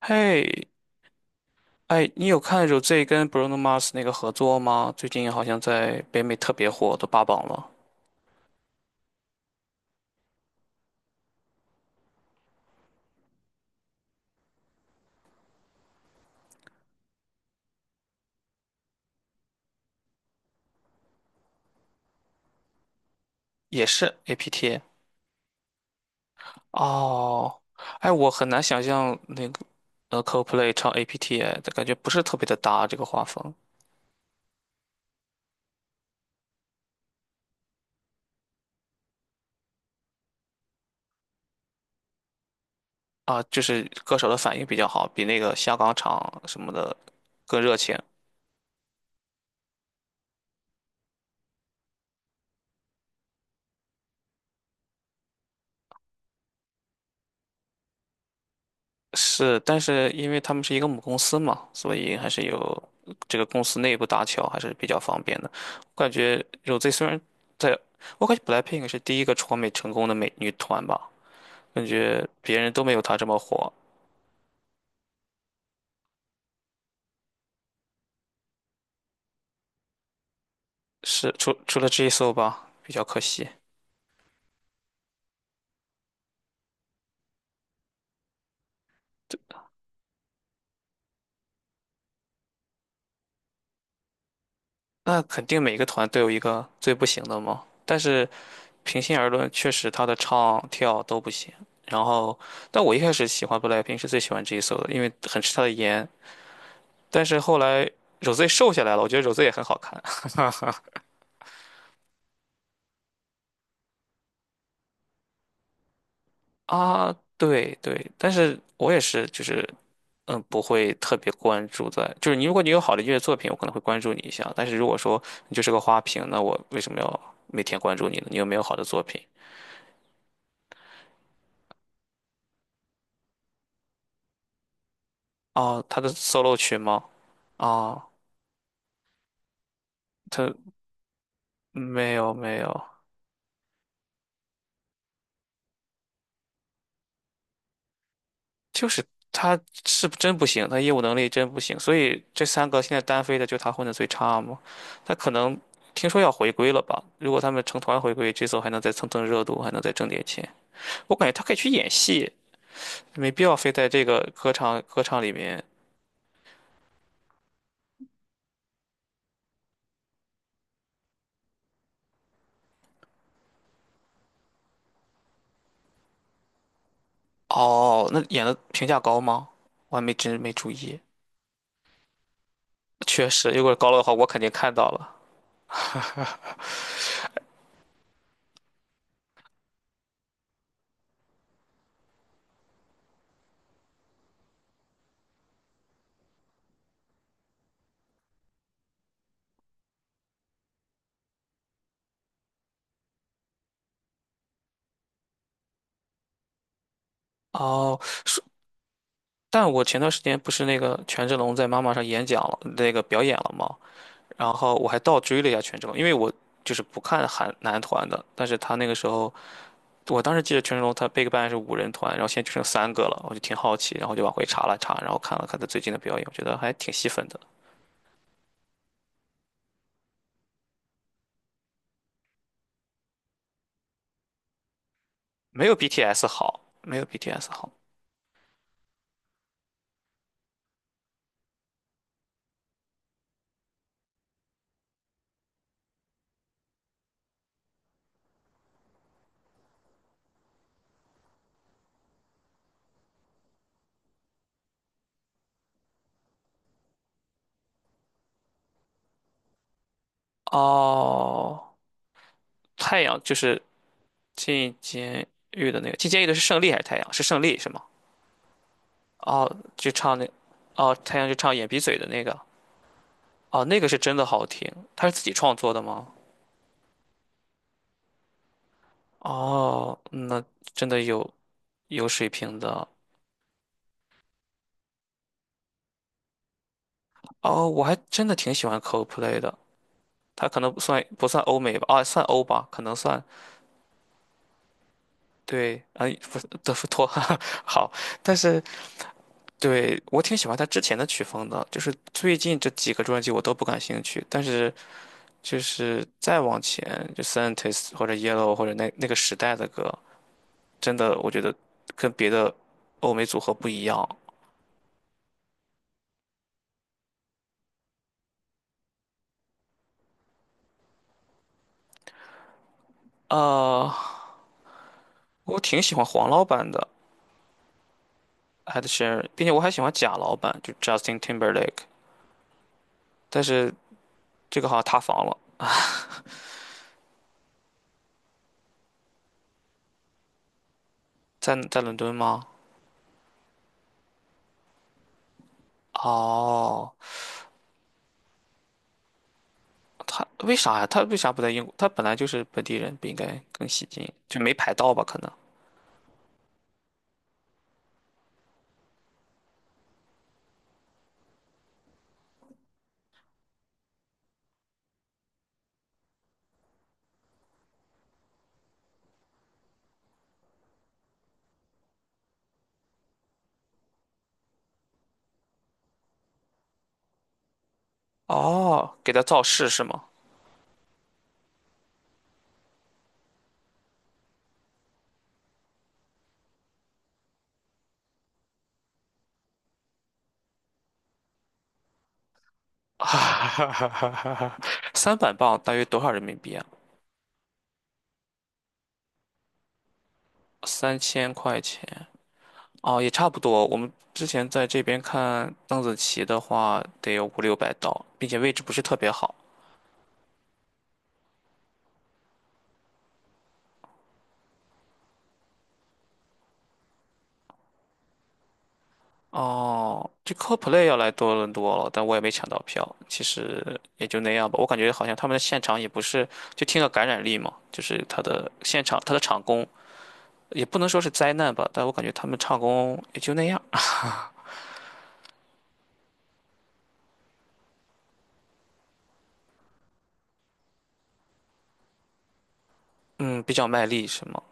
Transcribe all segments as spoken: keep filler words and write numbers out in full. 嘿，哎，你有看 Rosé 跟 Bruno Mars 那个合作吗？最近好像在北美特别火，都霸榜了，也是 A P T。哦，哎，我很难想象那个呃 Coldplay 唱 A P T，哎感觉不是特别的搭这个画风。啊，就是歌手的反应比较好，比那个香港场什么的更热情。是，但是因为他们是一个母公司嘛，所以还是有这个公司内部搭桥还是比较方便的。我感觉 Rosé 虽然在，我感觉 BLACKPINK 是第一个闯美成功的美女团吧，感觉别人都没有她这么火，是除除了 j i s o 吧，比较可惜。那肯定每个团都有一个最不行的嘛，但是平心而论，确实她的唱跳都不行。然后，但我一开始喜欢 BLACKPINK 是最喜欢 j i s o 的，因为很吃她的颜，但是后来 Rosé 瘦下来了，我觉得 r o s e 也很好看。 啊。对对，但是我也是，就是嗯，不会特别关注在，就是你如果你有好的音乐作品，我可能会关注你一下。但是如果说你就是个花瓶，那我为什么要每天关注你呢？你有没有好的作品？哦，他的 solo 曲吗？哦，他没有没有。就是他是真不行，他业务能力真不行，所以这三个现在单飞的就他混的最差嘛。他可能听说要回归了吧？如果他们成团回归，这次还能再蹭蹭热度，还能再挣点钱。我感觉他可以去演戏，没必要非在这个歌唱歌唱里面。哦，那演的评价高吗？我还没真没注意。确实，如果高了的话，我肯定看到了。哦，说但我前段时间不是那个权志龙在妈妈上演讲了，那个表演了吗？然后我还倒追了一下权志龙，因为我就是不看韩男团的，但是他那个时候，我当时记得权志龙他 BigBang 是五人团，然后现在就剩三个了，我就挺好奇，然后就往回查了查，然后看了看他最近的表演，我觉得还挺吸粉的，没有 B T S 好，没有 B T S 好。哦，太阳就是进监狱的那个，进监狱的是胜利还是太阳？是胜利是吗？哦，就唱那，哦，太阳就唱眼鼻嘴的那个，哦，那个是真的好听，他是自己创作的吗？哦，那真的有有水平的。哦，我还真的挺喜欢 Coldplay 的。他可能不算不算欧美吧，啊，算欧吧，可能算对，啊，不是德芙托，好，但是对我挺喜欢他之前的曲风的，就是最近这几个专辑我都不感兴趣，但是就是再往前，就 Scientist 或者 Yellow 或者那那个时代的歌，真的我觉得跟别的欧美组合不一样。啊，我挺喜欢黄老板的。Ed s h e r a n 并且我还喜欢假老板，就 Justin Timberlake，但是这个好像塌房了，在在伦敦吗？哦，他为啥呀？他为啥不在英国？他本来就是本地人，不应该更吸金，就没排到吧？可能。哦，给他造势是吗？哈哈哈哈哈哈！三百磅大约多少人民币啊？三千块钱哦，也差不多。我们之前在这边看邓紫棋的话，得有五六百刀，并且位置不是特别好。哦，这 c o l p l a y 要来多伦多了，但我也没抢到票。其实也就那样吧，我感觉好像他们的现场也不是，就听了感染力嘛，就是他的现场，他的场工也不能说是灾难吧，但我感觉他们唱功也就那样。嗯，比较卖力是吗？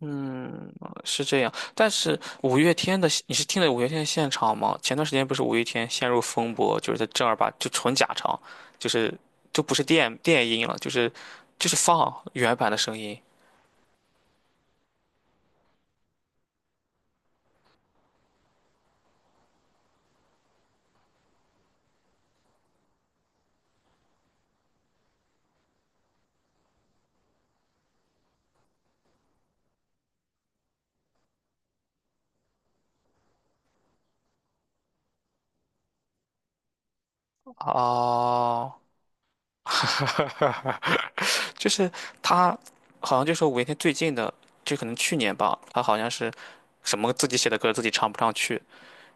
嗯，是这样。但是五月天的，你是听了五月天的现场吗？前段时间不是五月天陷入风波，就是他正儿八就纯假唱，就是就不是电电音了，就是就是放原版的声音。哦，就是他，好像就说五月天最近的，就可能去年吧，他好像是什么自己写的歌自己唱不上去，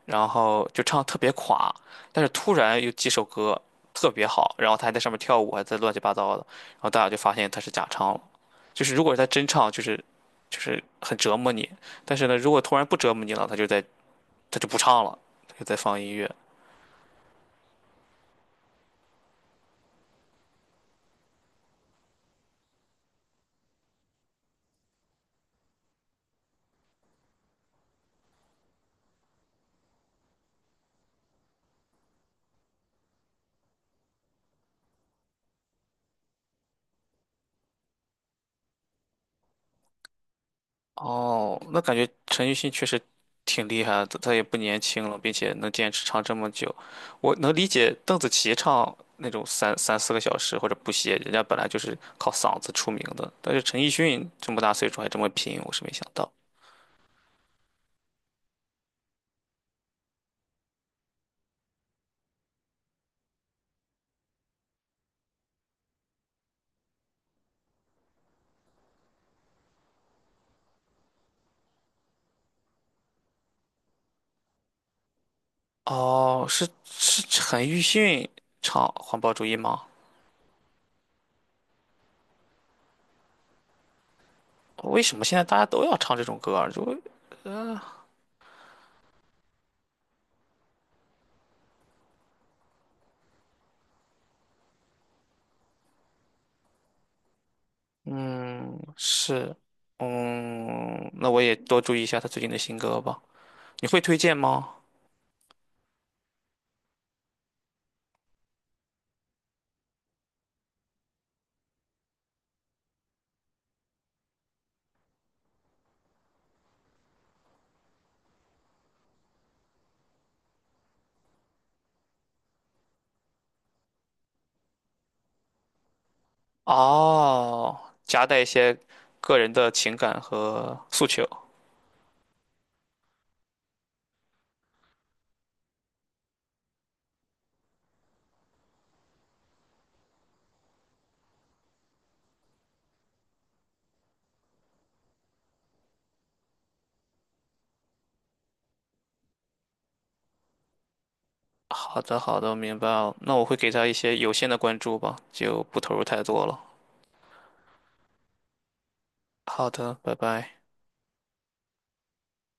然后就唱得特别垮，但是突然有几首歌特别好，然后他还在上面跳舞，还在乱七八糟的，然后大家就发现他是假唱了。就是如果他真唱，就是就是很折磨你，但是呢，如果突然不折磨你了，他就在他就不唱了，他就在放音乐。哦，那感觉陈奕迅确实挺厉害的，他他也不年轻了，并且能坚持唱这么久。我能理解邓紫棋唱那种三三四个小时或者不歇，人家本来就是靠嗓子出名的，但是陈奕迅这么大岁数还这么拼，我是没想到。哦，是是陈奕迅唱《环保主义》吗？为什么现在大家都要唱这种歌儿？就嗯是，嗯，那我也多注意一下他最近的新歌吧。你会推荐吗？哦，夹带一些个人的情感和诉求。好的，好的，我明白了。那我会给他一些有限的关注吧，就不投入太多了。好的，拜拜。